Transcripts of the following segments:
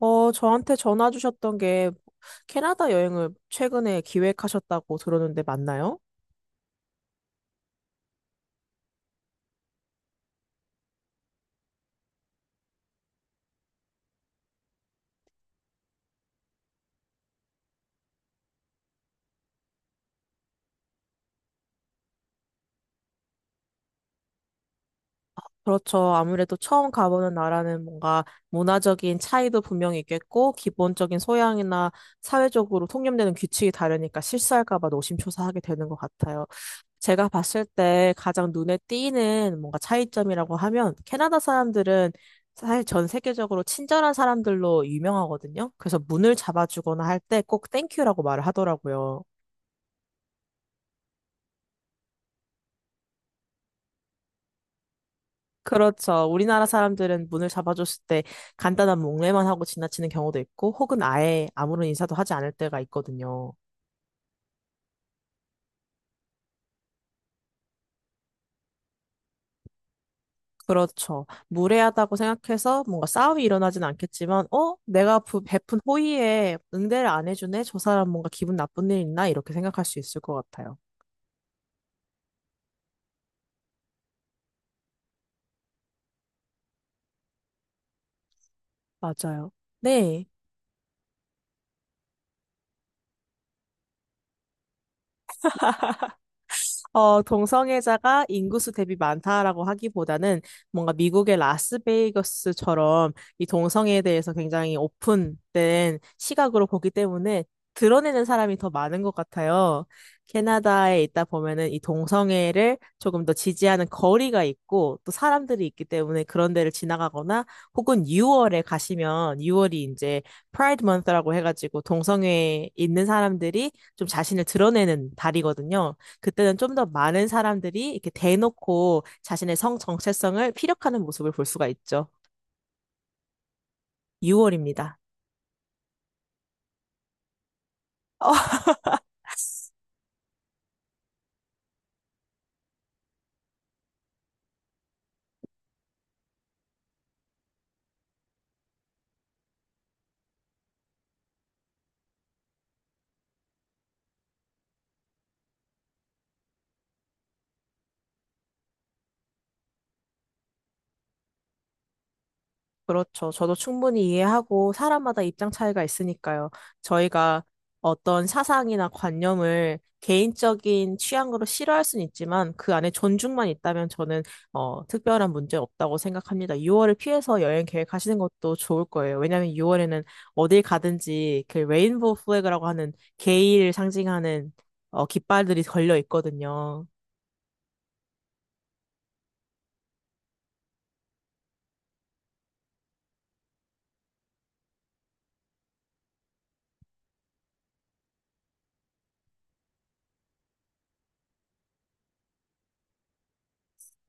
저한테 전화 주셨던 게 캐나다 여행을 최근에 기획하셨다고 들었는데 맞나요? 그렇죠. 아무래도 처음 가보는 나라는 뭔가 문화적인 차이도 분명히 있겠고, 기본적인 소양이나 사회적으로 통념되는 규칙이 다르니까 실수할까 봐 노심초사하게 되는 것 같아요. 제가 봤을 때 가장 눈에 띄는 뭔가 차이점이라고 하면, 캐나다 사람들은 사실 전 세계적으로 친절한 사람들로 유명하거든요. 그래서 문을 잡아주거나 할 때 꼭 땡큐라고 말을 하더라고요. 그렇죠. 우리나라 사람들은 문을 잡아줬을 때 간단한 목례만 하고 지나치는 경우도 있고, 혹은 아예 아무런 인사도 하지 않을 때가 있거든요. 그렇죠. 무례하다고 생각해서 뭔가 싸움이 일어나진 않겠지만, 어? 내가 베푼 호의에 응대를 안 해주네? 저 사람 뭔가 기분 나쁜 일 있나? 이렇게 생각할 수 있을 것 같아요. 맞아요. 네. 동성애자가 인구수 대비 많다라고 하기보다는 뭔가 미국의 라스베이거스처럼 이 동성애에 대해서 굉장히 오픈된 시각으로 보기 때문에 드러내는 사람이 더 많은 것 같아요. 캐나다에 있다 보면은 이 동성애를 조금 더 지지하는 거리가 있고 또 사람들이 있기 때문에 그런 데를 지나가거나 혹은 6월에 가시면 6월이 이제 프라이드 먼스라고 해가지고 동성애에 있는 사람들이 좀 자신을 드러내는 달이거든요. 그때는 좀 더 많은 사람들이 이렇게 대놓고 자신의 성 정체성을 피력하는 모습을 볼 수가 있죠. 6월입니다. 그렇죠. 저도 충분히 이해하고 사람마다 입장 차이가 있으니까요. 저희가 어떤 사상이나 관념을 개인적인 취향으로 싫어할 수는 있지만 그 안에 존중만 있다면 저는 특별한 문제 없다고 생각합니다. 6월을 피해서 여행 계획하시는 것도 좋을 거예요. 왜냐하면 6월에는 어딜 가든지 그 레인보우 플래그라고 하는 게이를 상징하는 깃발들이 걸려 있거든요.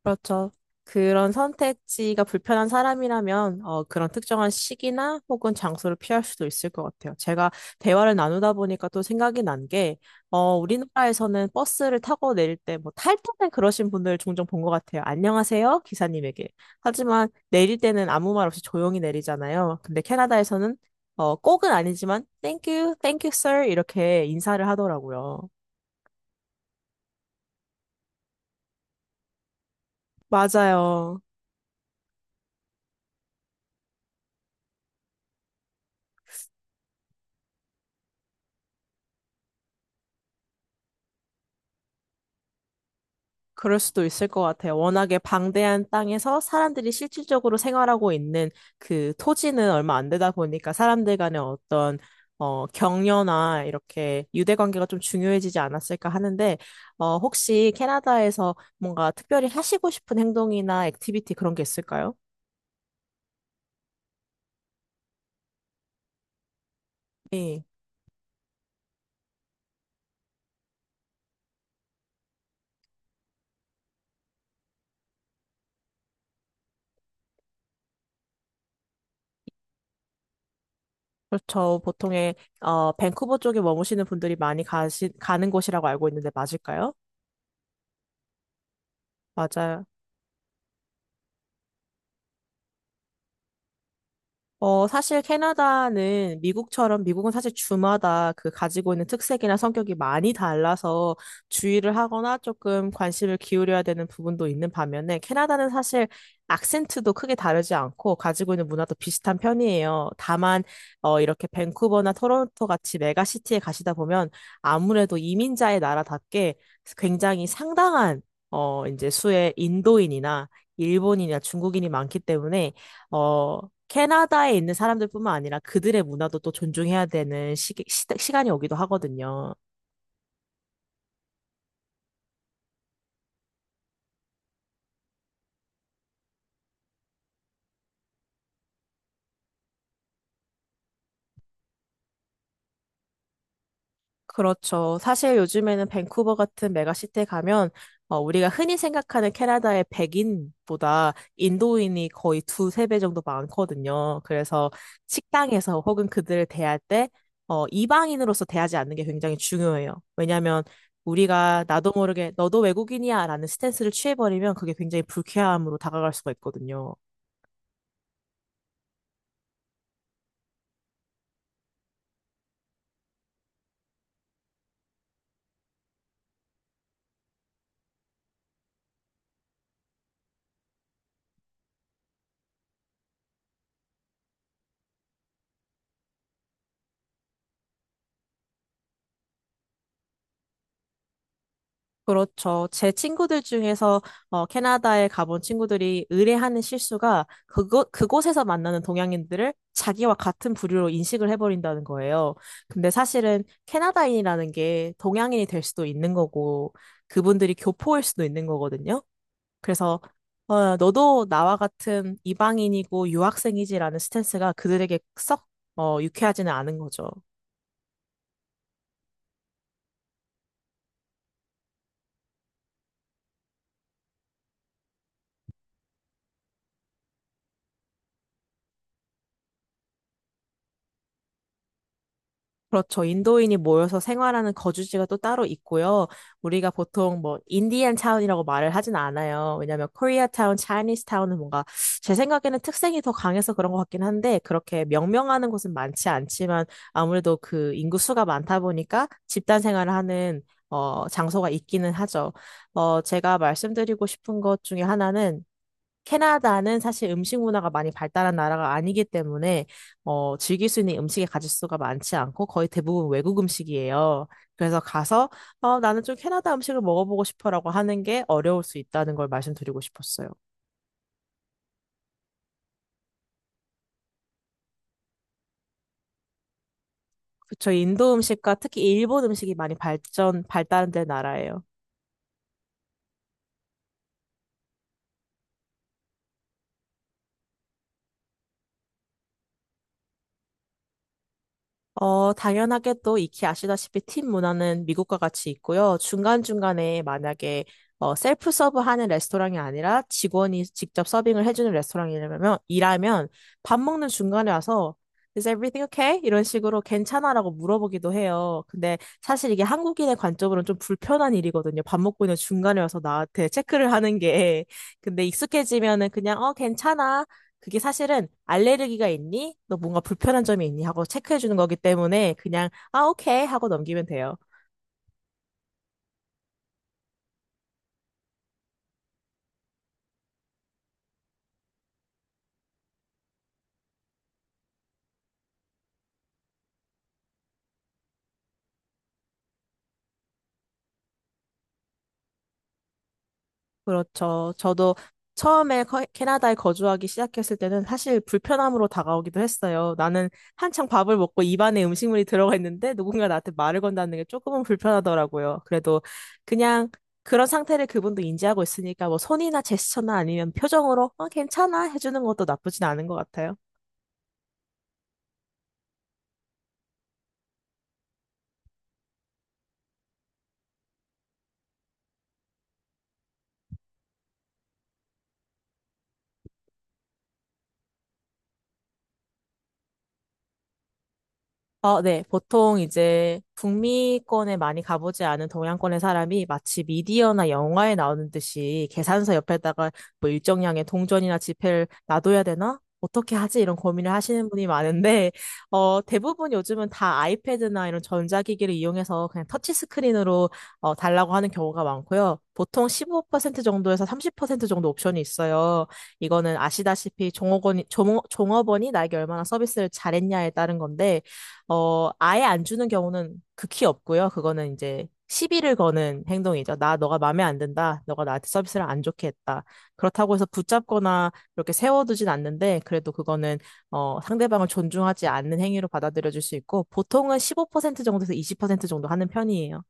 그렇죠. 그런 선택지가 불편한 사람이라면 그런 특정한 시기나 혹은 장소를 피할 수도 있을 것 같아요. 제가 대화를 나누다 보니까 또 생각이 난 게, 우리나라에서는 버스를 타고 내릴 때 뭐 탈 때는 그러신 분들 종종 본 것 같아요. 안녕하세요, 기사님에게. 하지만 내릴 때는 아무 말 없이 조용히 내리잖아요. 근데 캐나다에서는 꼭은 아니지만 thank you, thank you, sir 이렇게 인사를 하더라고요. 맞아요. 그럴 수도 있을 것 같아요. 워낙에 방대한 땅에서 사람들이 실질적으로 생활하고 있는 그 토지는 얼마 안 되다 보니까 사람들 간의 어떤 격려나 이렇게 유대 관계가 좀 중요해지지 않았을까 하는데, 혹시 캐나다에서 뭔가 특별히 하시고 싶은 행동이나 액티비티 그런 게 있을까요? 네. 그렇죠. 보통의 밴쿠버 쪽에 머무시는 분들이 많이 가는 곳이라고 알고 있는데 맞을까요? 맞아요. 사실 캐나다는 미국처럼 미국은 사실 주마다 그 가지고 있는 특색이나 성격이 많이 달라서 주의를 하거나 조금 관심을 기울여야 되는 부분도 있는 반면에 캐나다는 사실 악센트도 크게 다르지 않고 가지고 있는 문화도 비슷한 편이에요. 다만, 이렇게 밴쿠버나 토론토 같이 메가시티에 가시다 보면 아무래도 이민자의 나라답게 굉장히 상당한 이제 수의 인도인이나 일본인이나 중국인이 많기 때문에 어, 캐나다에 있는 사람들뿐만 아니라 그들의 문화도 또 존중해야 되는 시간이 오기도 하거든요. 그렇죠. 사실 요즘에는 밴쿠버 같은 메가시티에 가면 우리가 흔히 생각하는 캐나다의 백인보다 인도인이 거의 두세 배 정도 많거든요. 그래서 식당에서 혹은 그들을 대할 때 이방인으로서 대하지 않는 게 굉장히 중요해요. 왜냐하면 우리가 나도 모르게 너도 외국인이야 라는 스탠스를 취해버리면 그게 굉장히 불쾌함으로 다가갈 수가 있거든요. 그렇죠. 제 친구들 중에서 캐나다에 가본 친구들이 의뢰하는 실수가 그곳에서 만나는 동양인들을 자기와 같은 부류로 인식을 해버린다는 거예요. 근데 사실은 캐나다인이라는 게 동양인이 될 수도 있는 거고 그분들이 교포일 수도 있는 거거든요. 그래서 너도 나와 같은 이방인이고 유학생이지라는 스탠스가 그들에게 썩 유쾌하지는 않은 거죠. 그렇죠. 인도인이 모여서 생활하는 거주지가 또 따로 있고요. 우리가 보통 뭐 인디안 타운이라고 말을 하진 않아요. 왜냐하면 코리아 타운, 차이니스 타운은 뭔가 제 생각에는 특색이 더 강해서 그런 것 같긴 한데 그렇게 명명하는 곳은 많지 않지만 아무래도 그 인구수가 많다 보니까 집단 생활을 하는 장소가 있기는 하죠. 제가 말씀드리고 싶은 것 중에 하나는 캐나다는 사실 음식 문화가 많이 발달한 나라가 아니기 때문에 즐길 수 있는 음식의 가짓수가 많지 않고 거의 대부분 외국 음식이에요. 그래서 가서 나는 좀 캐나다 음식을 먹어보고 싶어라고 하는 게 어려울 수 있다는 걸 말씀드리고 싶었어요. 그쵸, 인도 음식과 특히 일본 음식이 많이 발달된 나라예요. 당연하게 또 익히 아시다시피 팀 문화는 미국과 같이 있고요. 중간중간에 만약에 셀프 서브 하는 레스토랑이 아니라 직원이 직접 서빙을 해주는 레스토랑이라면, 일하면 밥 먹는 중간에 와서 Is everything okay? 이런 식으로 괜찮아라고 물어보기도 해요. 근데 사실 이게 한국인의 관점으로는 좀 불편한 일이거든요. 밥 먹고 있는 중간에 와서 나한테 체크를 하는 게. 근데 익숙해지면은 그냥 괜찮아. 그게 사실은 알레르기가 있니? 너 뭔가 불편한 점이 있니? 하고 체크해 주는 거기 때문에 그냥 아, 오케이 하고 넘기면 돼요. 그렇죠. 저도 처음에 캐나다에 거주하기 시작했을 때는 사실 불편함으로 다가오기도 했어요. 나는 한창 밥을 먹고 입안에 음식물이 들어가 있는데 누군가 나한테 말을 건다는 게 조금은 불편하더라고요. 그래도 그냥 그런 상태를 그분도 인지하고 있으니까 뭐 손이나 제스처나 아니면 표정으로 괜찮아 해주는 것도 나쁘진 않은 것 같아요. 네. 보통 이제 북미권에 많이 가보지 않은 동양권의 사람이 마치 미디어나 영화에 나오는 듯이 계산서 옆에다가 뭐 일정량의 동전이나 지폐를 놔둬야 되나? 어떻게 하지? 이런 고민을 하시는 분이 많은데, 대부분 요즘은 다 아이패드나 이런 전자기기를 이용해서 그냥 터치스크린으로 달라고 하는 경우가 많고요. 보통 15% 정도에서 30% 정도 옵션이 있어요. 이거는 아시다시피 종업원이 나에게 얼마나 서비스를 잘했냐에 따른 건데, 아예 안 주는 경우는 극히 없고요. 그거는 이제 시비를 거는 행동이죠. 나, 너가 마음에 안 든다. 너가 나한테 서비스를 안 좋게 했다. 그렇다고 해서 붙잡거나 이렇게 세워두진 않는데, 그래도 그거는 상대방을 존중하지 않는 행위로 받아들여질 수 있고, 보통은 15% 정도에서 20% 정도 하는 편이에요.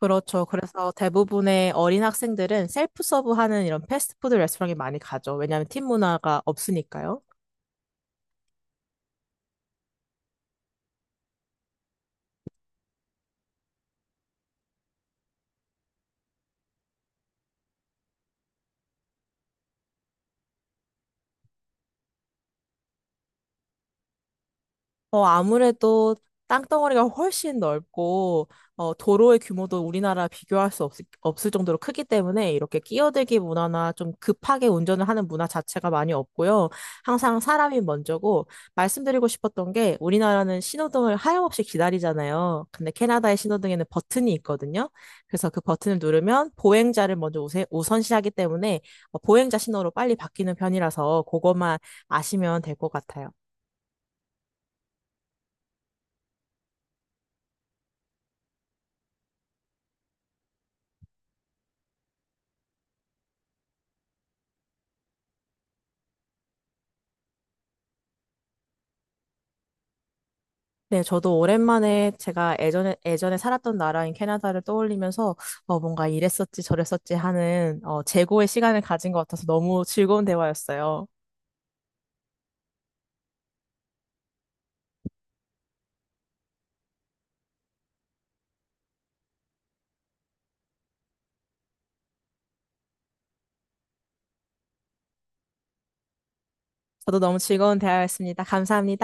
그렇죠. 그래서 대부분의 어린 학생들은 셀프 서브하는 이런 패스트푸드 레스토랑에 많이 가죠. 왜냐하면 팀 문화가 없으니까요. 아무래도 땅덩어리가 훨씬 넓고, 도로의 규모도 우리나라 비교할 수 없을 정도로 크기 때문에 이렇게 끼어들기 문화나 좀 급하게 운전을 하는 문화 자체가 많이 없고요. 항상 사람이 먼저고, 말씀드리고 싶었던 게 우리나라는 신호등을 하염없이 기다리잖아요. 근데 캐나다의 신호등에는 버튼이 있거든요. 그래서 그 버튼을 누르면 보행자를 먼저 우선시하기 때문에 보행자 신호로 빨리 바뀌는 편이라서 그것만 아시면 될 것 같아요. 네, 저도 오랜만에 제가 예전에 살았던 나라인 캐나다를 떠올리면서 뭔가 이랬었지 저랬었지 하는 재고의 시간을 가진 것 같아서 너무 즐거운 대화였어요. 저도 너무 즐거운 대화였습니다. 감사합니다.